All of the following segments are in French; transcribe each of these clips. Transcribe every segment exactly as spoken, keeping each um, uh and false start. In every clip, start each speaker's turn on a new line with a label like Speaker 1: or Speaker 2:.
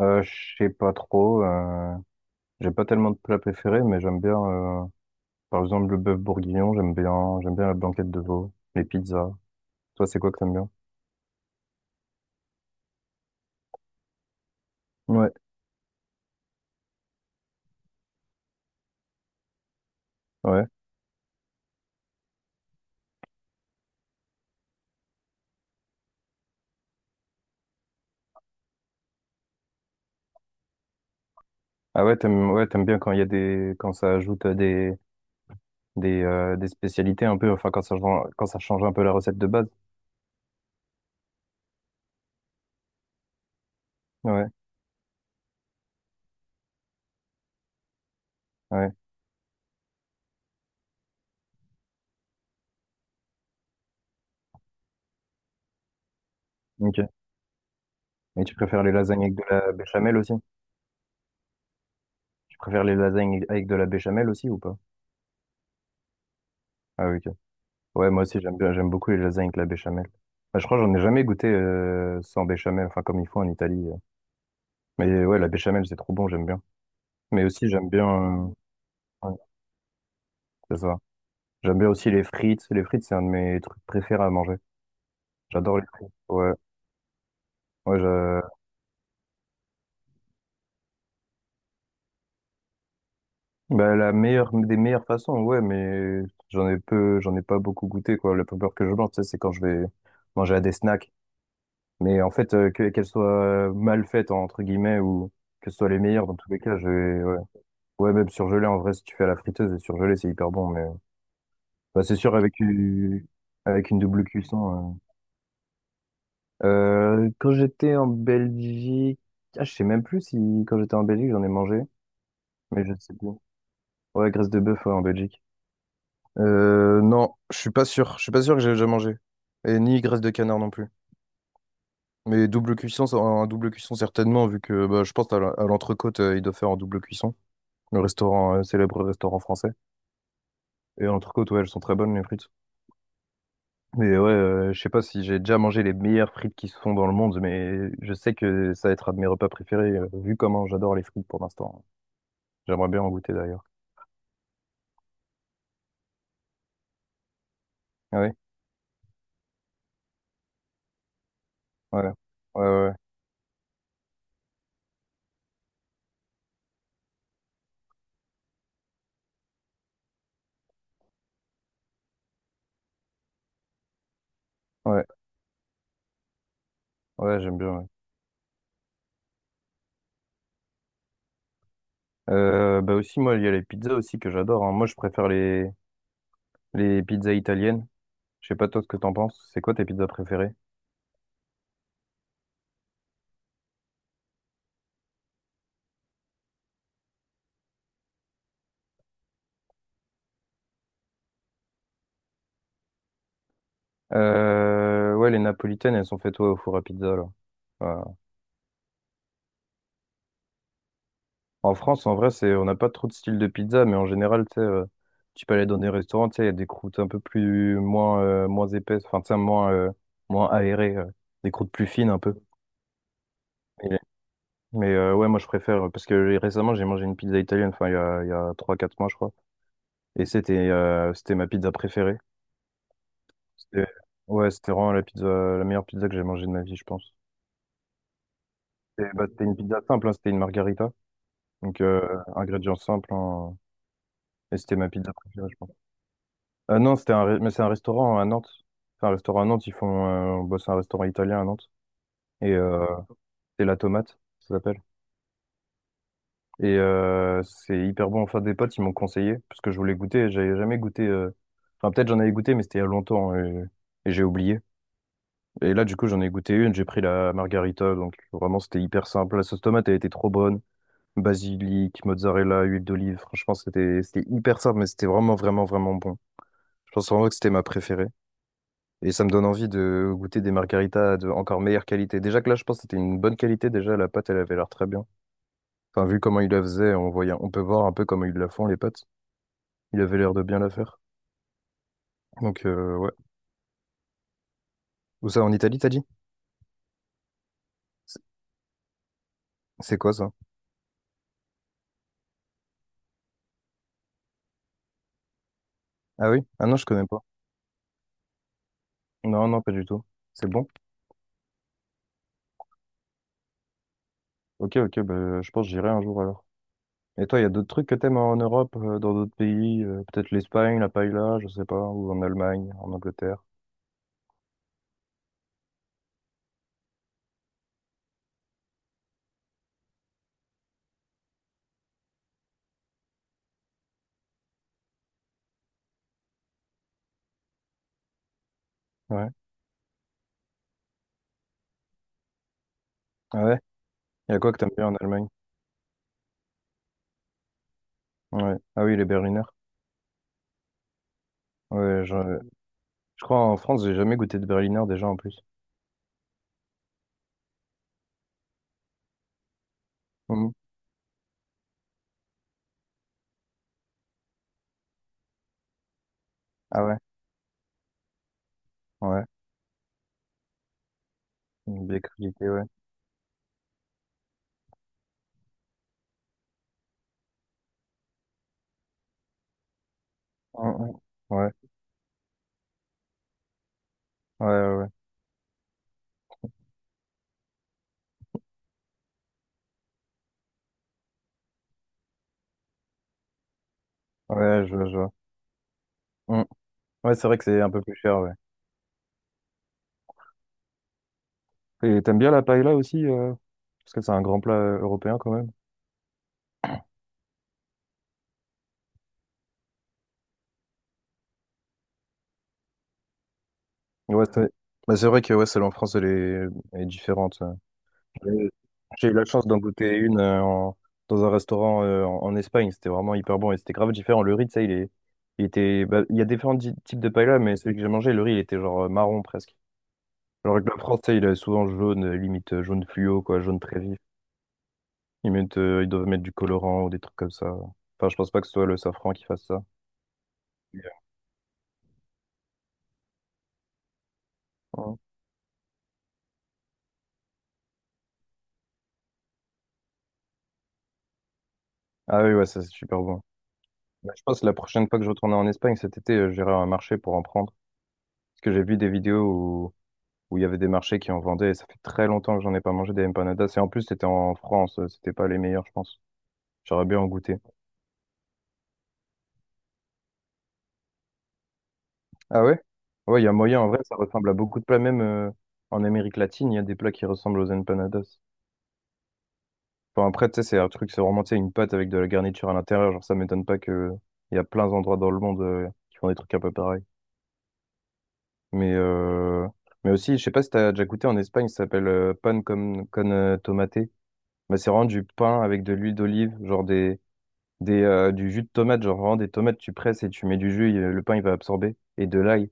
Speaker 1: Euh, je sais pas trop. Euh, j'ai pas tellement de plats préférés, mais j'aime bien, euh, par exemple, le bœuf bourguignon. J'aime bien, j'aime bien la blanquette de veau, les pizzas. Toi, c'est quoi que t'aimes bien? Ouais, ouais. Ah ouais, t'aimes, ouais, t'aimes bien quand il y a des, quand ça ajoute euh, des, des, euh, des spécialités un peu. Enfin, quand ça, change- quand ça change un peu la recette de base. Ouais, ouais. Ok. Et tu préfères les lasagnes avec de la béchamel aussi? Tu préfères les lasagnes avec de la béchamel aussi ou pas? Ah oui, ok. Ouais, moi aussi, j'aime bien, j'aime beaucoup les lasagnes avec la béchamel. Bah, je crois que j'en ai jamais goûté euh, sans béchamel, enfin comme ils font en Italie. euh. Mais ouais, la béchamel, c'est trop bon, j'aime bien. Mais aussi, j'aime bien, euh, ouais, c'est ça. J'aime bien aussi les frites. Les frites, c'est un de mes trucs préférés à manger. J'adore les frites. Ouais, ouais, je- Bah, la meilleure des meilleures façons, ouais, mais j'en ai peu, j'en ai pas beaucoup goûté quoi. La peur que je mange, tu sais, c'est quand je vais manger à des snacks. Mais en fait, euh, que- qu'elles soient mal faites entre guillemets ou que ce soit les meilleures, dans tous les cas, je vais, ouais. Ouais, même surgelé, en vrai, si tu fais à la friteuse et surgelé, c'est hyper bon. Mais bah, c'est sûr, avec une, avec une double cuisson. euh. Euh, quand j'étais en Belgique, ah, je sais même plus si quand j'étais en Belgique, j'en ai mangé, mais je sais plus. Ouais, graisse de bœuf, ouais, en Belgique. Euh, non, je suis pas sûr. Je suis pas sûr que j'ai déjà mangé. Et ni graisse de canard non plus. Mais double cuisson, ça- un double cuisson certainement, vu que bah, je pense à la- à l'entrecôte, euh, il doit faire en double cuisson. Le restaurant, euh, célèbre restaurant français. Et l'entrecôte, ouais, elles sont très bonnes, les frites. Mais ouais, euh, je sais pas si j'ai déjà mangé les meilleures frites qui se font dans le monde, mais je sais que ça va être un de mes repas préférés, euh, vu comment j'adore les frites pour l'instant. J'aimerais bien en goûter d'ailleurs. Ah oui? Ouais, ouais, ouais, ouais, ouais, ouais, ouais, j'aime bien. Ouais. Euh, bah aussi, moi, il y a les pizzas aussi que j'adore, hein. Moi, je préfère les, les pizzas italiennes. Je sais pas toi ce que t'en penses. C'est quoi tes pizzas préférées? Euh, ouais, les napolitaines, elles sont faites ouais, au four à pizza là. Voilà. En France, en vrai, c'est on n'a pas trop de style de pizza, mais en général, tu sais, euh, tu peux aller dans des restaurants, tu sais, il y a des croûtes un peu plus moins euh, moins épaisses, enfin, tu sais, moins euh, moins aérées, euh, des croûtes plus fines un peu. Mais euh, ouais, moi je préfère, parce que euh, récemment j'ai mangé une pizza italienne, enfin il y a, il y a trois quatre mois je crois, et c'était euh, c'était ma pizza préférée. C'était- Ouais, c'était vraiment la pizza, la meilleure pizza que j'ai mangée de ma vie, je pense. Et bah, c'était une pizza simple, hein, c'était une margarita, donc euh, ingrédients simples, hein, et c'était ma pizza préférée, je pense. Ah non, c'était un, ré- mais c'est un restaurant à Nantes. C'est un restaurant à Nantes, ils font, euh, bah, c'est un restaurant italien à Nantes, et euh, c'est La Tomate, ça s'appelle. Et euh, c'est hyper bon. Enfin, des potes, ils m'ont conseillé parce que je voulais goûter. J'avais jamais goûté. euh, Enfin, peut-être j'en avais goûté, mais c'était il y a longtemps hein, et, et j'ai oublié. Et là, du coup, j'en ai goûté une. J'ai pris la margarita. Donc, vraiment, c'était hyper simple. La sauce tomate, elle était trop bonne. Basilic, mozzarella, huile d'olive. Franchement, c'était c'était hyper simple, mais c'était vraiment, vraiment, vraiment bon. Je pense vraiment que c'était ma préférée. Et ça me donne envie de goûter des margaritas de encore meilleure qualité. Déjà que là, je pense que c'était une bonne qualité. Déjà, la pâte, elle avait l'air très bien. Enfin, vu comment ils la faisaient, on voyait, on peut voir un peu comment ils la font, les pâtes. Il avait l'air de bien la faire. Donc, euh, ouais. Où ça, en Italie, t'as dit? C'est c'est quoi ça? Ah oui? Ah non, je connais pas. Non, non, pas du tout. C'est bon? Ok, ok, bah, je pense que j'irai un jour alors. Et toi, il y a d'autres trucs que t'aimes en Europe, euh, dans d'autres pays? Euh, peut-être l'Espagne, la paella, je sais pas, ou en Allemagne, en Angleterre? Ouais. Ouais, il y a quoi que t'aimes bien en Allemagne? Ouais. Ah oui, les Berliner. Ouais, je, je crois en France, j'ai jamais goûté de Berliner déjà en plus. Mhm. Ah ouais, ouais. Une bière crudité, ouais. Mhm. Ouais, ouais, ouais. Ouais, ouais, je vois, je vois. Mhm. Ouais, c'est vrai que c'est un peu plus cher, ouais. Et t'aimes bien la paella aussi, euh, parce que c'est un grand plat euh, européen quand même. Ouais, c'est bah, c'est vrai que ouais, celle en France, elle est, elle est différente. euh. Euh, J'ai eu la chance d'en goûter une euh, en- dans un restaurant euh, en, en Espagne. C'était vraiment hyper bon et c'était grave différent. Le riz, tu sais, il est, Il était, bah, il y a différents di- types de paella, mais celui que j'ai mangé, le riz, il était genre euh, marron presque. Alors que la France, tu sais, il est souvent jaune, euh, limite euh, jaune fluo, quoi, jaune très vif. Ils mettent, euh, ils doivent mettre du colorant ou des trucs comme ça. Enfin, je pense pas que ce soit le safran qui fasse ça. Yeah. Ouais. Ah oui, ouais, ça c'est super bon. Bah, je pense que la prochaine fois que je retournerai en Espagne cet été, euh, j'irai à un marché pour en prendre. Parce que j'ai vu des vidéos où il y avait des marchés qui en vendaient. Et ça fait très longtemps que j'en ai pas mangé des empanadas. Et en plus, c'était en France, euh, c'était pas les meilleurs, je pense. J'aurais bien en goûter. Ah ouais? Ouais, il y a moyen. En vrai, ça ressemble à beaucoup de plats. Même euh, en Amérique latine, il y a des plats qui ressemblent aux empanadas. Enfin, après, tu sais, c'est un truc, c'est vraiment, tu sais, une pâte avec de la garniture à l'intérieur. Genre, ça m'étonne pas que il y a plein d'endroits dans le monde euh, qui font des trucs un peu pareils. Mais, euh, mais aussi, je sais pas si t'as déjà goûté en Espagne, ça s'appelle euh, pan con, con euh, tomate. Bah, c'est vraiment du pain avec de l'huile d'olive, genre des, Des, euh, du jus de tomate, genre vraiment des tomates, tu presses et tu mets du jus, il- euh, le pain il va absorber. Et de l'ail,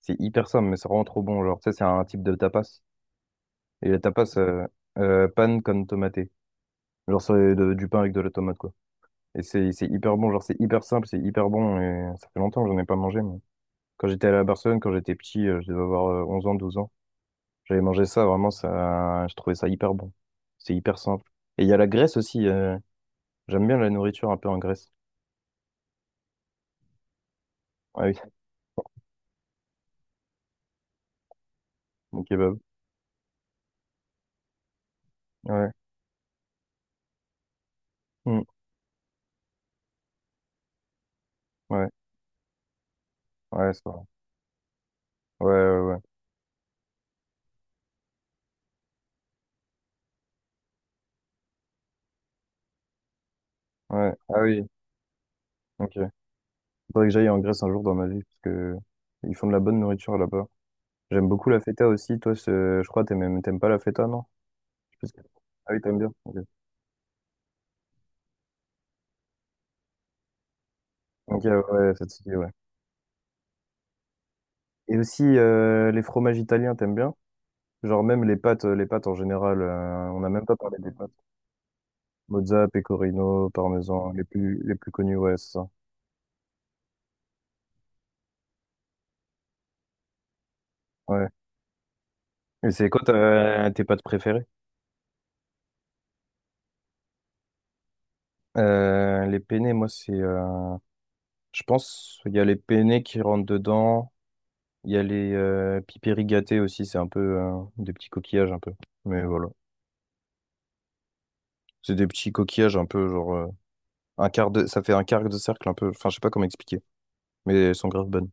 Speaker 1: c'est hyper simple, mais c'est vraiment trop bon. Genre, ça, c'est un type de tapas. Et la tapas, euh, euh, pan con tomate. Genre, c'est de- du pain avec de la tomate, quoi. Et c'est c'est hyper bon, genre, c'est hyper simple, c'est hyper bon. Et ça fait longtemps que j'en ai pas mangé, mais quand j'étais à la Barcelone, quand j'étais petit, euh, je devais avoir euh, onze ans, douze ans, j'avais mangé ça, vraiment, ça, je trouvais ça hyper bon. C'est hyper simple. Et il y a la Grèce aussi, euh, j'aime bien la nourriture un peu en Grèce. Ah oui, mon kebab. Ouais. Mm. Ouais. Ouais, c'est vrai. Ouais, ouais, ouais. Ouais. Ah oui, ok. Faudrait que j'aille en Grèce un jour dans ma vie, parce que ils font de la bonne nourriture là-bas. J'aime beaucoup la feta aussi. Toi, c'est- je crois, t'aimes même- t'aimes pas la feta, non? Je sais pas si- Ah oui, t'aimes bien. Ok, ok, ouais, ça te dit, ouais. Et aussi, euh, les fromages italiens, t'aimes bien? Genre même les pâtes, les pâtes en général, euh, on n'a même pas parlé des pâtes. Mozza, pecorino, parmesan, les plus, les plus connus, ouais, c'est ça. Ouais. Et c'est quoi ta- tes pâtes préférées? Euh, les penne, moi, c'est... euh, Je pense il y a les penne qui rentrent dedans. Il y a les euh, pipéri aussi, c'est un peu euh, des petits coquillages un peu. Mais voilà. C'est des petits coquillages un peu genre euh, un quart de ça fait un quart de cercle un peu. Enfin, je sais pas comment expliquer, mais elles sont grave bonnes.